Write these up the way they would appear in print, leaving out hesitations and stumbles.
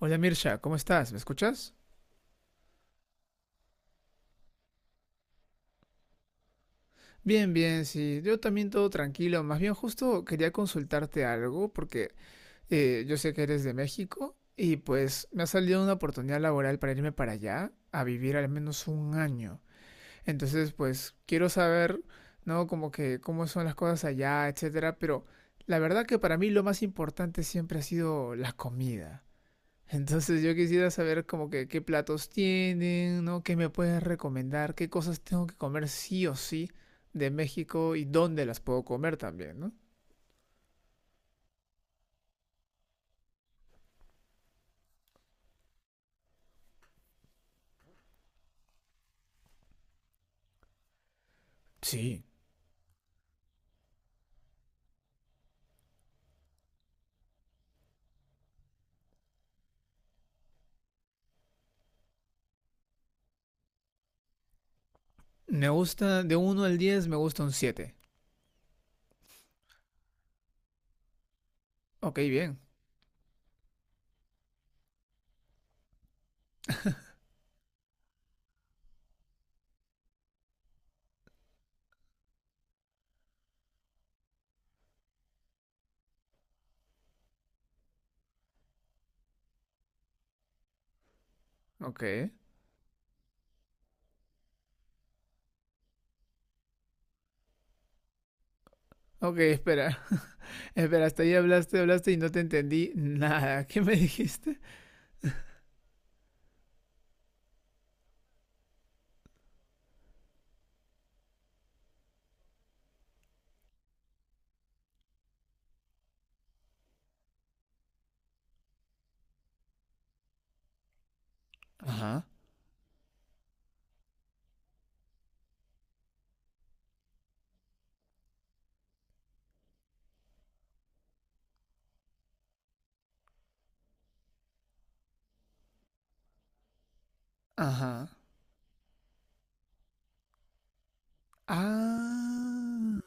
Hola Mirsha, ¿cómo estás? ¿Me escuchas? Bien, bien, sí. Yo también todo tranquilo. Más bien justo quería consultarte algo porque yo sé que eres de México y pues me ha salido una oportunidad laboral para irme para allá a vivir al menos un año. Entonces pues quiero saber, ¿no? Como que cómo son las cosas allá, etcétera. Pero la verdad que para mí lo más importante siempre ha sido la comida. Entonces yo quisiera saber como que qué platos tienen, ¿no? ¿Qué me puedes recomendar? ¿Qué cosas tengo que comer sí o sí de México y dónde las puedo comer también, ¿no? Sí. Me gusta, de uno al 10 me gusta un 7. Ok, bien. Ok. Ok, espera. Espera, hasta ahí hablaste, hablaste y no te entendí nada. ¿Qué me dijiste? Ajá. Ajá. Ah.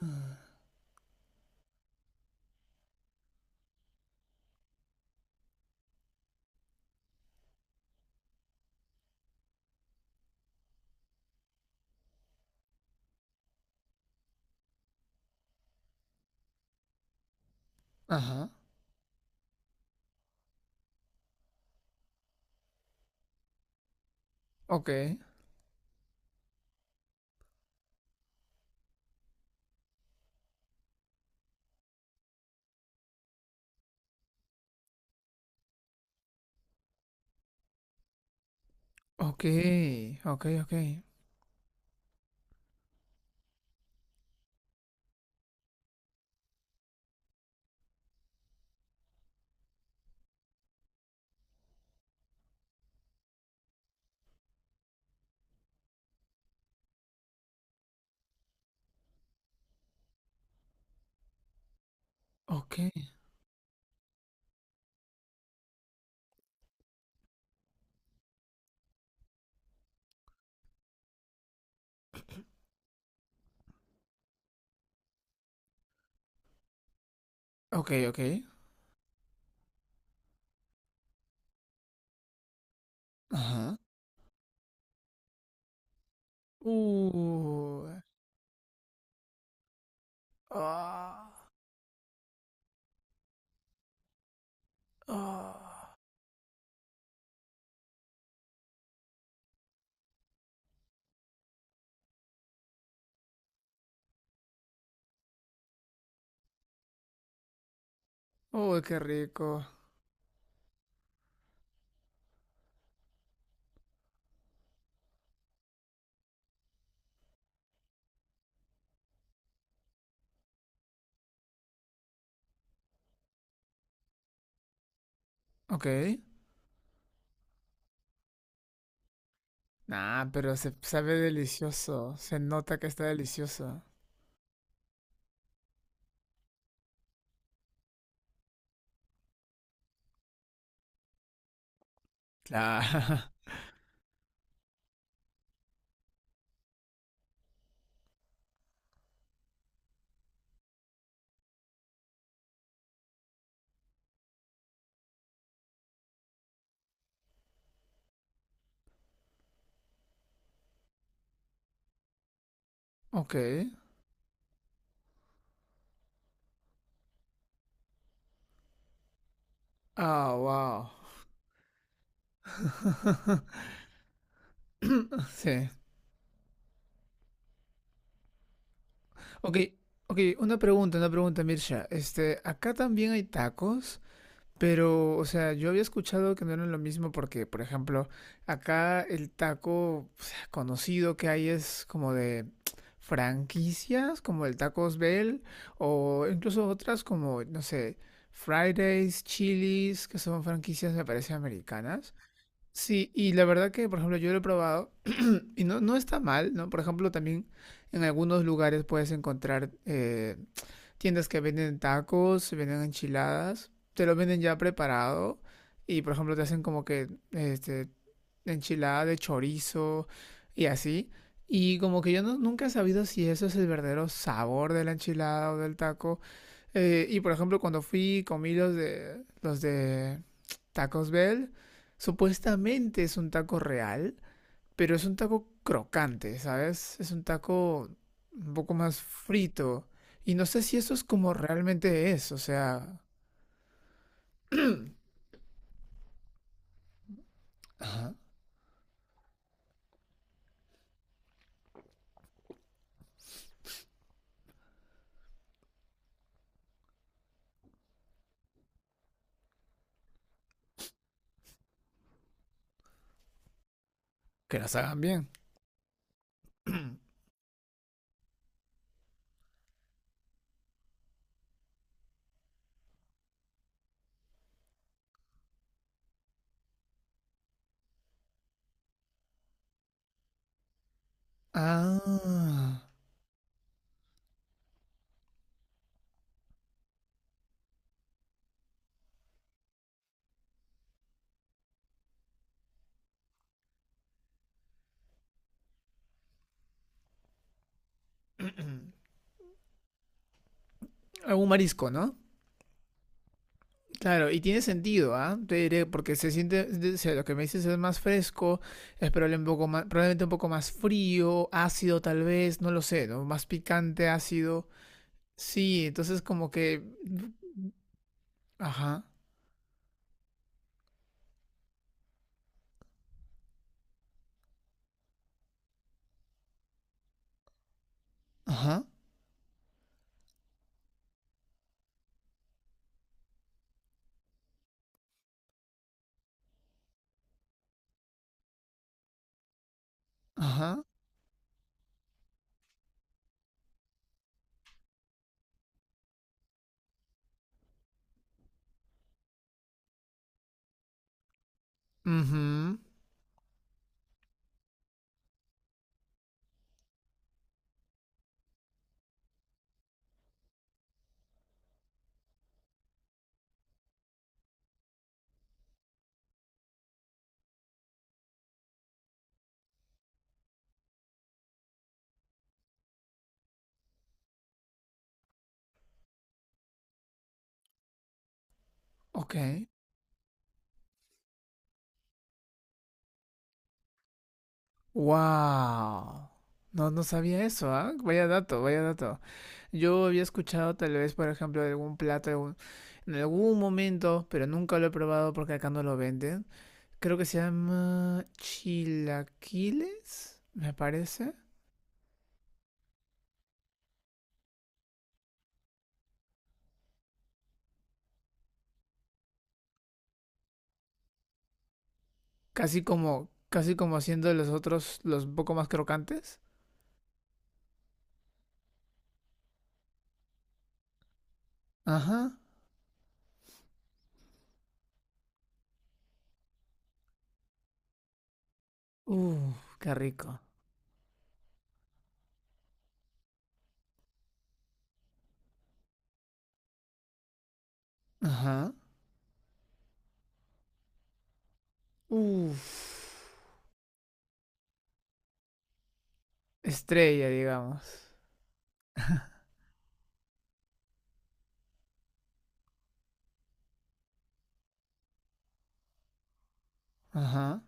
Ajá. Ok. Ok. Ok, ok. Ok. Ok, ok. Ajá. Uh. Ah. Ah. Uy, qué rico. Ok. Nah, pero se sabe delicioso. Se nota que está delicioso. Claro. Ok. Ah, wow. Sí. Ok, ok, una pregunta, Mirsha. Este, ¿acá también hay tacos? Pero, o sea, yo había escuchado que no era lo mismo porque, por ejemplo, acá el taco o sea, conocido que hay es como de franquicias, como el Tacos Bell, o incluso otras como, no sé, Fridays, Chili's, que son franquicias, me parece, americanas. Sí, y la verdad que, por ejemplo, yo lo he probado y no, no está mal, ¿no? Por ejemplo, también en algunos lugares puedes encontrar, tiendas que venden tacos, venden enchiladas, te lo venden ya preparado y por ejemplo te hacen como que este enchilada de chorizo y así. Y como que yo nunca he sabido si eso es el verdadero sabor de la enchilada o del taco. Y por ejemplo, cuando fui comí los de Tacos Bell, supuestamente es un taco real, pero es un taco crocante, ¿sabes? Es un taco un poco más frito. Y no sé si eso es como realmente es, o sea, que las hagan bien. Ah, algún marisco, ¿no? Claro, y tiene sentido, ¿ah? Te diré, porque se siente, o sea, lo que me dices es más fresco, es probable un poco más, probablemente un poco más frío, ácido tal vez, no lo sé, ¿no? Más picante, ácido. Sí, entonces como que... Ajá, ajá, ajá. Mhm, ok. Wow. No, no sabía eso, ¿ah? Vaya dato, vaya dato. Yo había escuchado tal vez, por ejemplo, de algún plato en algún momento, pero nunca lo he probado porque acá no lo venden. Creo que se llama chilaquiles, me parece. Casi como haciendo los otros, los un poco más crocantes. Ajá. Uf, qué rico. Ajá. Uf. Estrella, digamos. Ajá.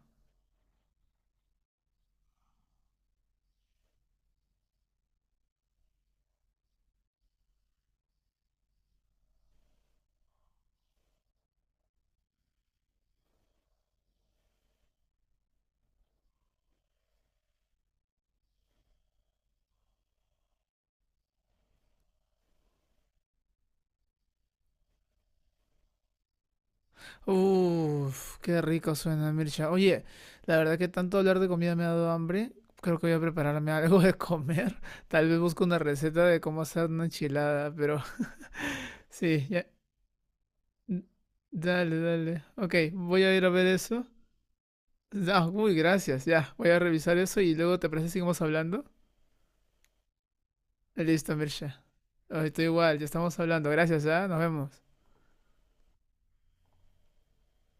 Uf, qué rico suena, Mircha. Oye, la verdad que tanto hablar de comida me ha dado hambre. Creo que voy a prepararme algo de comer. Tal vez busco una receta de cómo hacer una enchilada, pero sí, ya. Dale, dale. Ok, voy a ir a ver eso. Ah, uy, gracias, ya. Voy a revisar eso y luego te parece que seguimos hablando. Listo, Mircha. Ay, estoy igual, ya estamos hablando. Gracias, ya. Nos vemos.